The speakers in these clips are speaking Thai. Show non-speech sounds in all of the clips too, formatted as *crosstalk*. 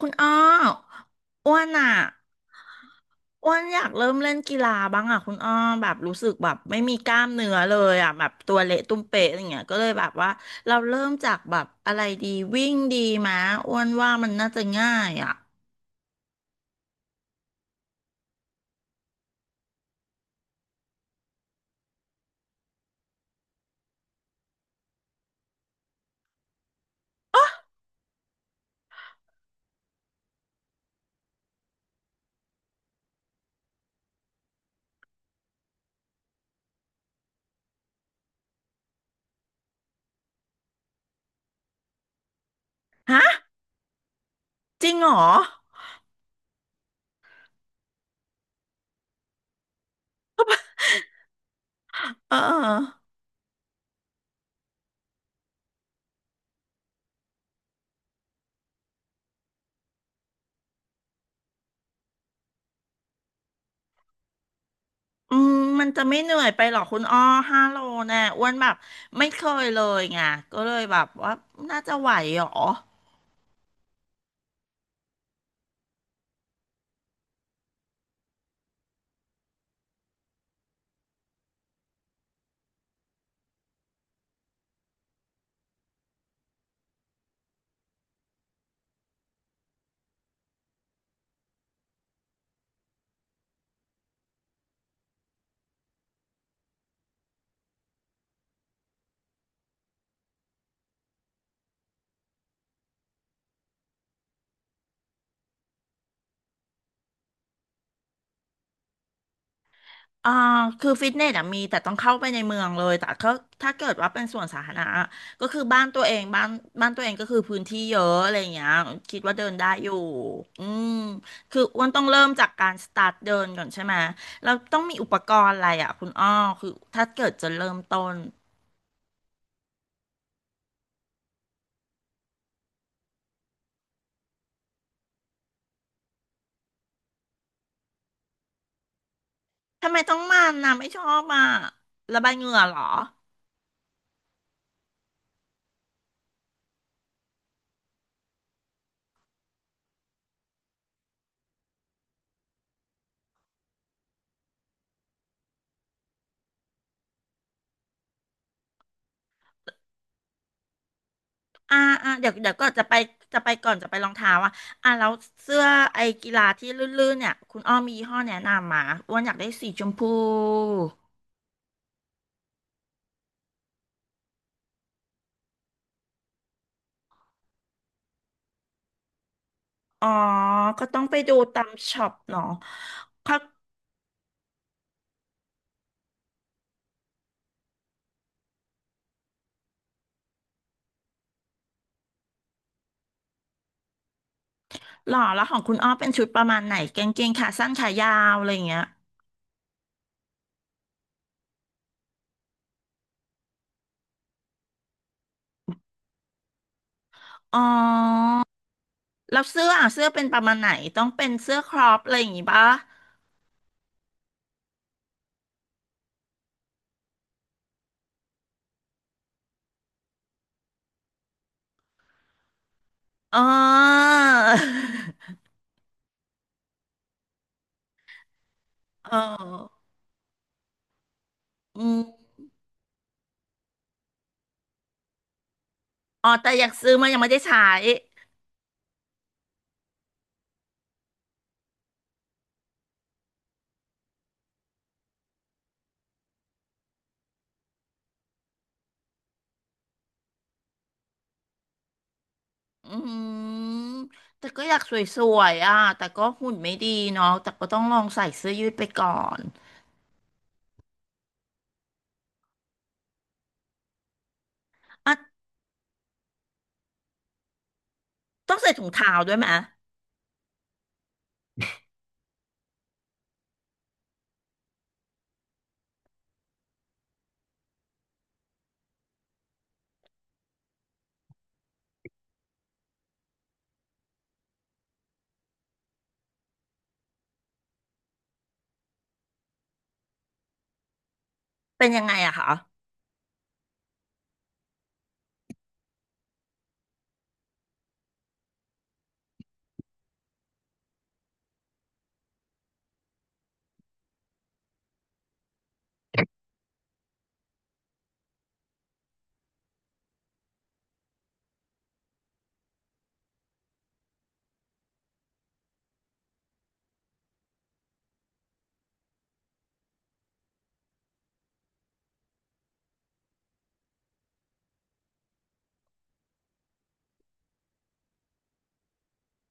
คุณอ้ออ้วนอ่ะอ้วนอยากเริ่มเล่นกีฬาบ้างอ่ะคุณอ้อแบบรู้สึกแบบไม่มีกล้ามเนื้อเลยอ่ะแบบตัวเละตุ้มเป๊ะอย่างเงี้ยก็เลยแบบว่าเราเริ่มจากแบบอะไรดีวิ่งดีมะอ้วนว่ามันน่าจะง่ายอ่ะฮะจริงเหรอเออเอออืมมันจะไม่เหนื่อยไปหรอกคุณอ้อห้าโลแน่อ้วนแบบไม่เคยเลยไงก็เลยแบบว่าน่าจะไหวเหรอ อ่าคือฟิตเนสอะมีแต่ต้องเข้าไปในเมืองเลยแต่ก็ถ้าเกิดว่าเป็นส่วนสาธารณะอะก็คือบ้านตัวเองบ้านตัวเองก็คือพื้นที่เยอะอะไรอย่างเงี้ยคิดว่าเดินได้อยู่อืมคืออ้วนต้องเริ่มจากการสตาร์ทเดินก่อนใช่ไหมแล้วต้องมีอุปกรณ์อะไรอะคุณอ้อคือถ้าเกิดจะเริ่มต้นทำไมต้องมันนะไม่ชอบอ่ะระบายเหงื่อเหรอ อ่าอ่าเดี๋ยวก็จะไปจะไปก่อนจะไปรองเท้าอ่ะอ่ะแล้วเสื้อไอ้กีฬาที่ลื่นๆเนี่ยคุณอ้อมมียี่ห้อแนะนำมาอ้วนอยากได้สีชมพูอ๋อก็ต้องไปดูตามช็อปเนาะเขาหล่อแล้วของคุณอ้อเป็นชุดประมาณไหนกางเกงขาสั้นขายาวอะไรอย่างเงี้ยอ๋อแล้วเสื้ออ่ะเสื้อเป็นประมาณไหนต้องเป็นเสื้อครอปอะไรอย่างงี้ปะอ๋อ *laughs* เอออืมอ๋อแต่อยากซื้อมายังไม่ได้ใช้ อืมแต่ก็อยากสวยๆอ่ะแต่ก็หุ่นไม่ดีเนาะแต่ก็ต้องลองใส่เสื้อยืดไปก่อนอ่ะต้องใส่ถุงเท้าด้วยไหมเป็นยังไงอะคะ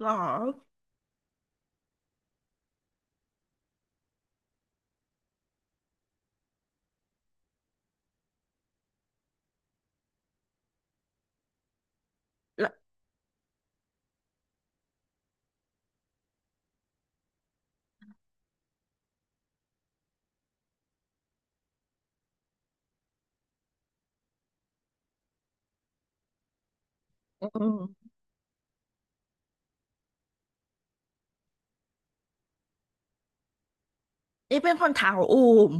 หรอละอืมนี่เป็นคนเท้าอูม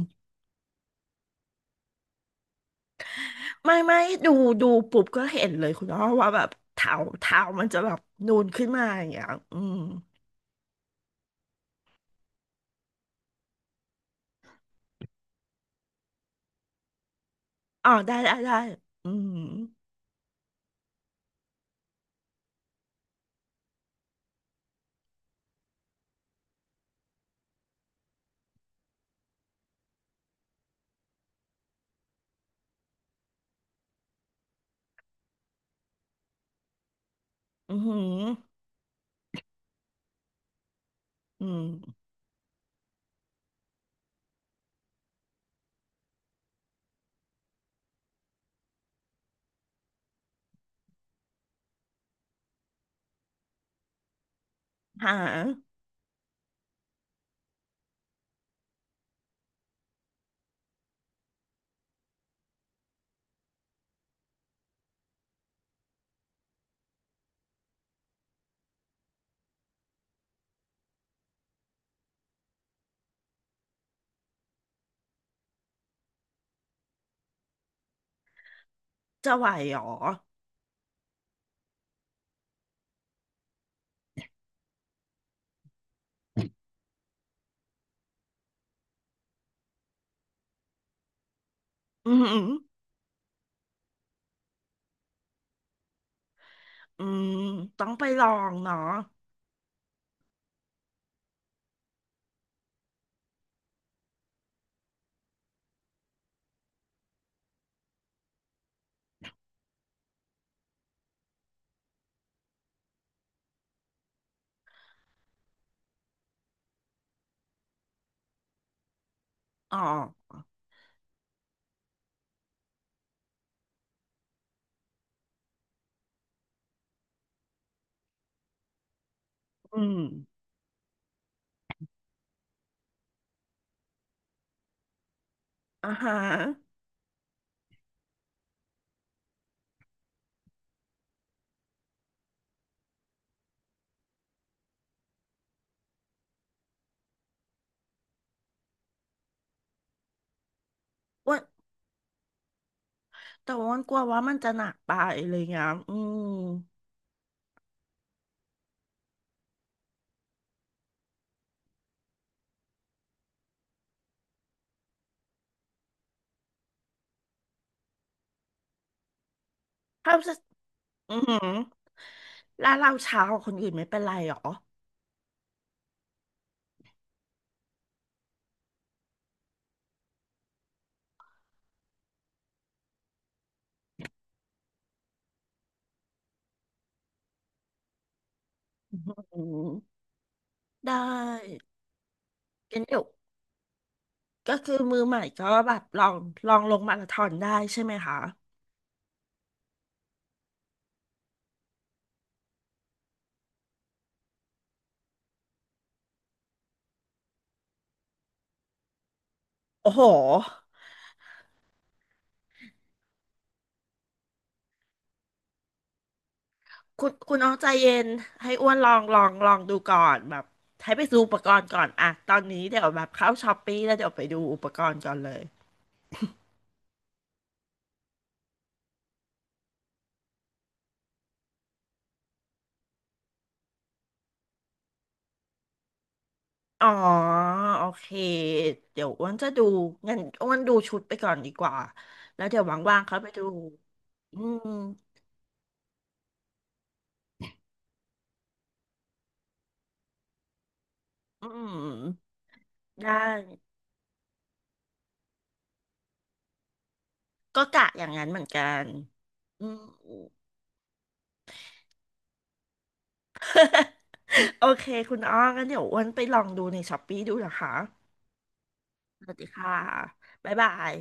ไม่ไม่ดูดูปุ๊บก็เห็นเลยคุณอ้อว่าแบบเท้ามันจะแบบนูนขึ้นมาอย่างเงี้ยอืมอ๋อได้ได้อืมอืมอหืออืมหาจะไหวเหรออืมอหืออืมต้องไปลองเนาะ อ๋ออืมอ่าฮะอ้ว่าแต่ว่ามันกลัวว่ามันจะหนักไปอะไรเงี้ยอืมถ้าจะอือหือแล้วเราเช้ากว่าคนอื่นไม่เป็นไรหรออืมได้กันเดี๋ยวก็คือมือใหม่ก็แบบลองลงมาราธอนได้ใช่ไหมคะโอ้โห คุณน้องใจเย็นให้อ้วนลองดูก่อนแบบให้ไปซื้ออุปกรณ์ก่อนอะตอนนี้เดี๋ยวแบบเข้าช้อปปี้แล้วเดี๋ยวไปดูอุปกรณ์ก่อนเลย อ๋อโอเคเดี๋ยวอ้วนจะดูงั้นอ้วนดูชุดไปก่อนดีกว่าแล้วเดี๋ยวว่างๆเขาไปดูอืมอืมได้ก็กะอย่างนั้นเหมือนกันอืม *laughs* โอเคคุณอ้องั้นเดี๋ยวอ้วนไปลองดูในช้อปปี้ดูนะคะสวัสดีค่ะบ๊ายบาย